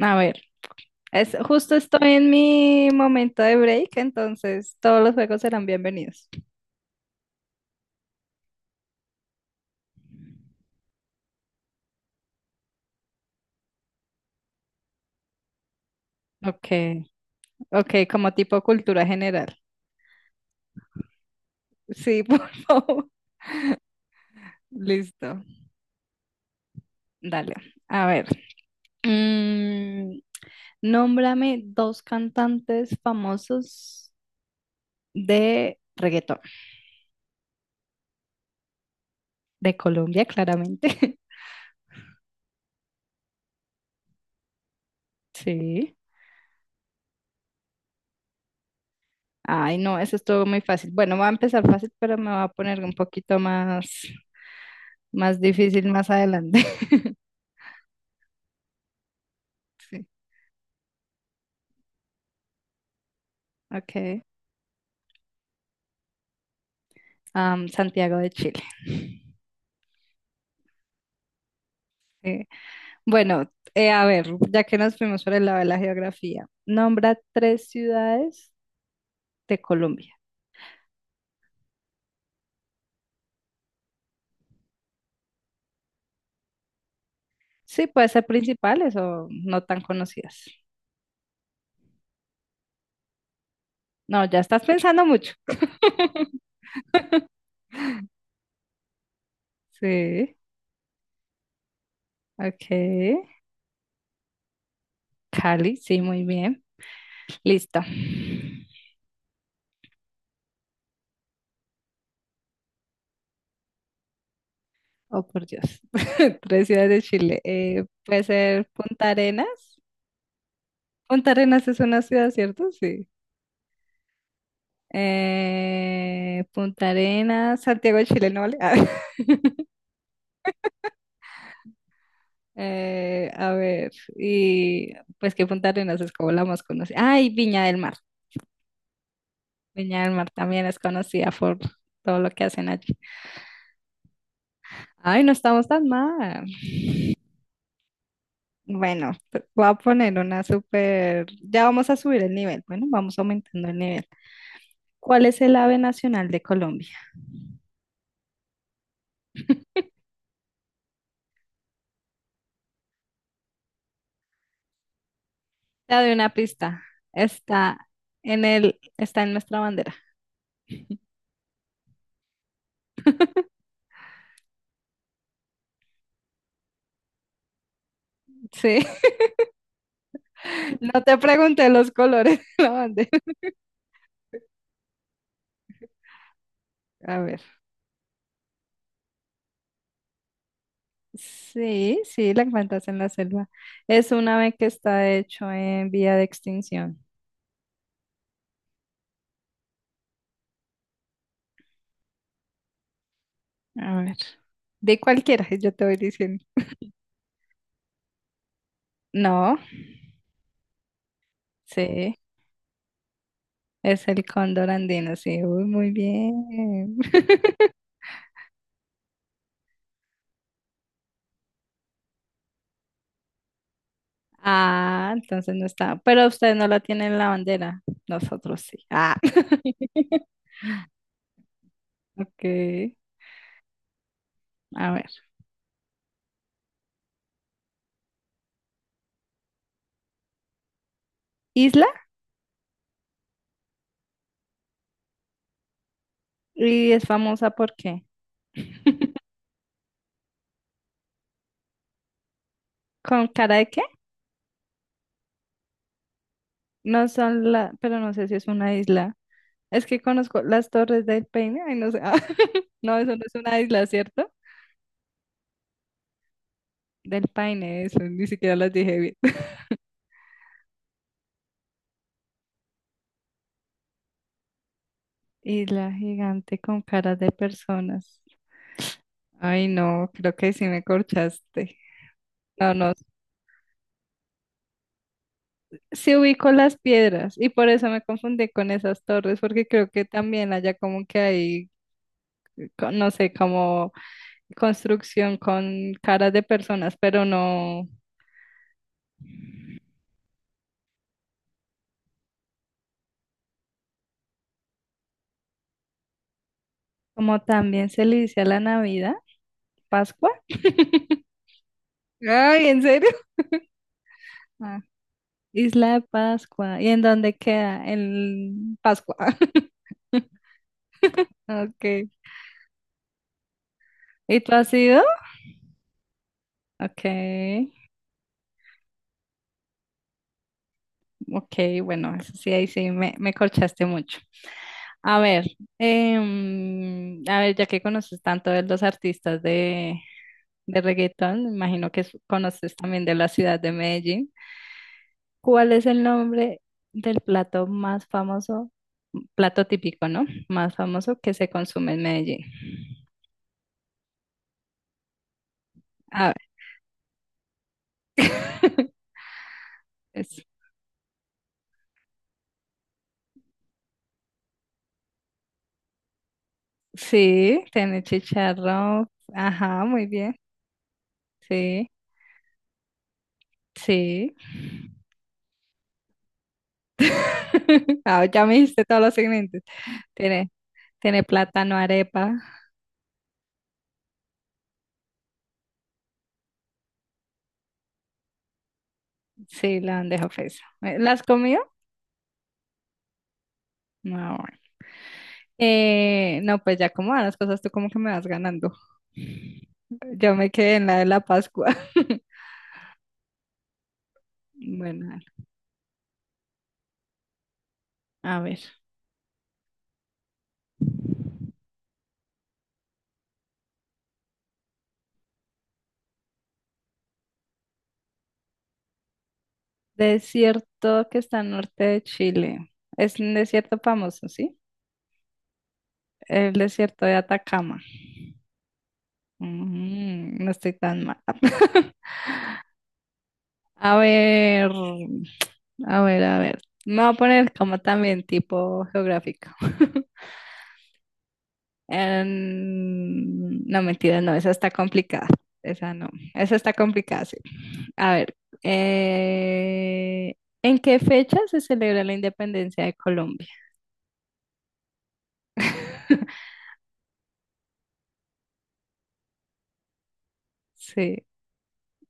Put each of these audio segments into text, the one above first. A ver, es, justo estoy en mi momento de break, entonces todos los juegos serán bienvenidos. Ok, ok, como tipo cultura general. Sí, por favor. Listo, dale. A ver, mm, nómbrame dos cantantes famosos de reggaetón, de Colombia, claramente. Sí. Ay, no, eso estuvo muy fácil. Bueno, va a empezar fácil, pero me va a poner un poquito más, más difícil más adelante. Sí, ok. Santiago de Chile. Eh, bueno, a ver, ya que nos fuimos por el lado de la geografía, nombra tres ciudades de Colombia. Sí, puede ser principales o no tan conocidas. No, ya estás pensando mucho. Sí, ok. Cali, sí, muy bien. Listo. Oh, por Dios. Tres ciudades de Chile. Puede ser Punta Arenas. Punta Arenas es una ciudad, ¿cierto? Sí. Punta Arenas, Santiago de Chile, ¿no vale? A ver, y pues que Punta Arenas es como la más conocida. Ay, Viña del Mar. Viña del Mar también es conocida por todo lo que hacen allí. Ay, no estamos tan mal. Bueno, voy a poner una súper. Ya vamos a subir el nivel. Bueno, vamos aumentando el nivel. ¿Cuál es el ave nacional de Colombia? Te doy una pista. Está está en nuestra bandera. Sí. No te pregunté los colores de la bandera. A ver. Sí, sí, la encuentras en la selva. Es un ave que está hecho en vía de extinción. A ver. De cualquiera, yo te voy diciendo. No, sí, es el cóndor andino, sí. Uy, muy bien. Ah, entonces no está. Pero ustedes no la tienen en la bandera. Nosotros sí. Ah. Ok. A ver. Isla y es famosa, ¿por qué? ¿Con cara de qué? No son la, pero no sé si es una isla. Es que conozco las Torres del Paine. Ay, no sé. Ah, no, eso no es una isla, ¿cierto? Del Paine, eso, ni siquiera las dije bien. Isla gigante con caras de personas. Ay, no, creo que sí me corchaste. No, no. Sí ubico las piedras y por eso me confundí con esas torres, porque creo que también allá como que hay, no sé, como construcción con caras de personas, pero no, como también se le dice a la Navidad. Pascua. Ay, ¿en serio? Ah, Isla de Pascua. ¿Y en dónde queda? En Pascua. Ok. ¿Y tú has ido? Ok. Ok, bueno, eso sí, ahí sí, me corchaste mucho. A ver, a ver, ya que conoces tanto de los artistas de reggaetón, me imagino que conoces también de la ciudad de Medellín. ¿Cuál es el nombre del plato más famoso, plato típico, ¿no? Más famoso que se consume en Medellín. A ver, es- sí, tiene chicharrón. Ajá, muy bien. Sí, sí. Ah, ya me dijiste todos los segmentos. Tiene, tiene plátano, arepa. Sí, la bandeja paisa. ¿La has comido? No, bueno. No, pues ya como van las cosas, tú como que me vas ganando. Yo me quedé en la de la Pascua. Bueno, a ver. Desierto que está al norte de Chile. Es un desierto famoso, ¿sí? El desierto de Atacama. Mm, no estoy tan mal. A ver, a ver, a ver. Me voy a poner como también tipo geográfico. No, mentira, no, esa está complicada. Esa no, esa está complicada, sí. A ver, eh, ¿en qué fecha se celebra la independencia de Colombia? Sí.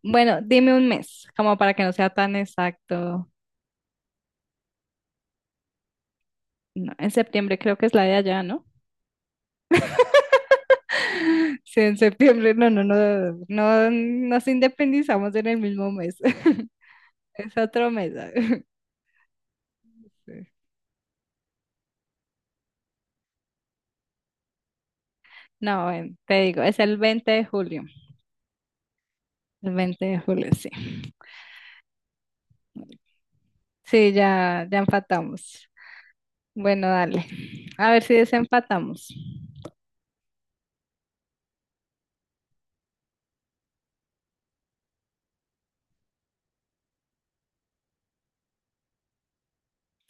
Bueno, dime un mes, como para que no sea tan exacto. No, en septiembre creo que es la de allá, ¿no? Sí, en septiembre, no, no, no, no nos independizamos en el mismo mes. Es otro mes. Sí. No, ven, te digo, es el 20 de julio. El 20 de julio, sí. Sí, ya, ya empatamos. Bueno, dale. A ver si desempatamos.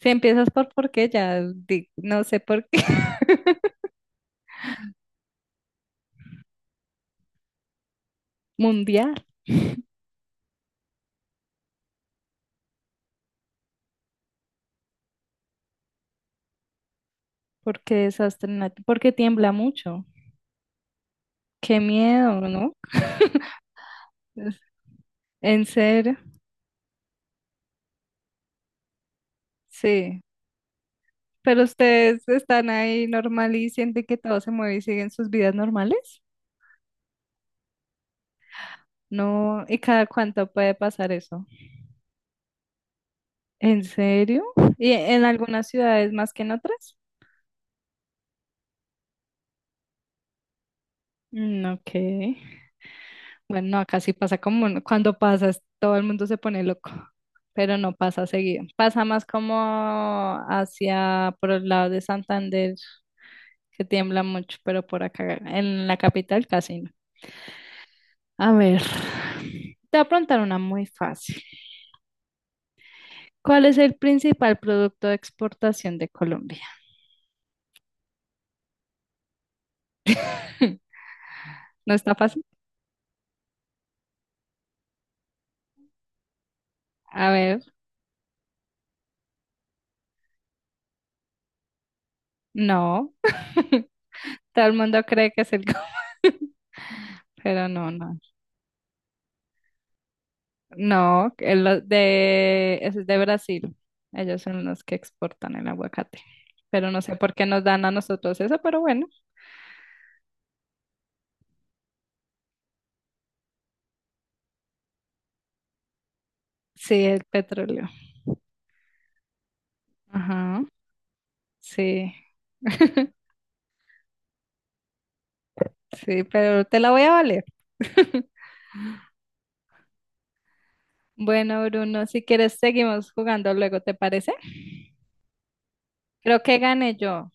Si empiezas por qué, ya no sé por qué. Mundial, porque porque tiembla mucho. Qué miedo, ¿no? Es- En serio, sí. Pero ustedes están ahí normal y sienten que todo se mueve y siguen sus vidas normales. No, ¿y cada cuánto puede pasar eso? ¿En serio? ¿Y en algunas ciudades más que en otras? Mm, ok. Bueno, no, acá sí pasa, como, ¿no? cuando pasas, todo el mundo se pone loco, pero no pasa seguido. Pasa más como hacia por el lado de Santander, que tiembla mucho, pero por acá, en la capital casi no. A ver, te voy a preguntar una muy fácil. ¿Cuál es el principal producto de exportación de Colombia? ¿No está fácil? A ver, no. Todo el mundo cree que es el. Pero no, no. No, es de Brasil. Ellos son los que exportan el aguacate. Pero no sé por qué nos dan a nosotros eso, pero bueno. Sí, el petróleo. Ajá, sí. Sí, pero te la voy a valer. Bueno, Bruno, si quieres seguimos jugando luego, ¿te parece? Creo que gané yo.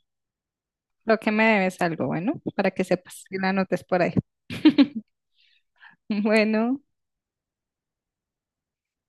Creo que me debes algo, bueno, para que sepas y la anotes por ahí. Bueno.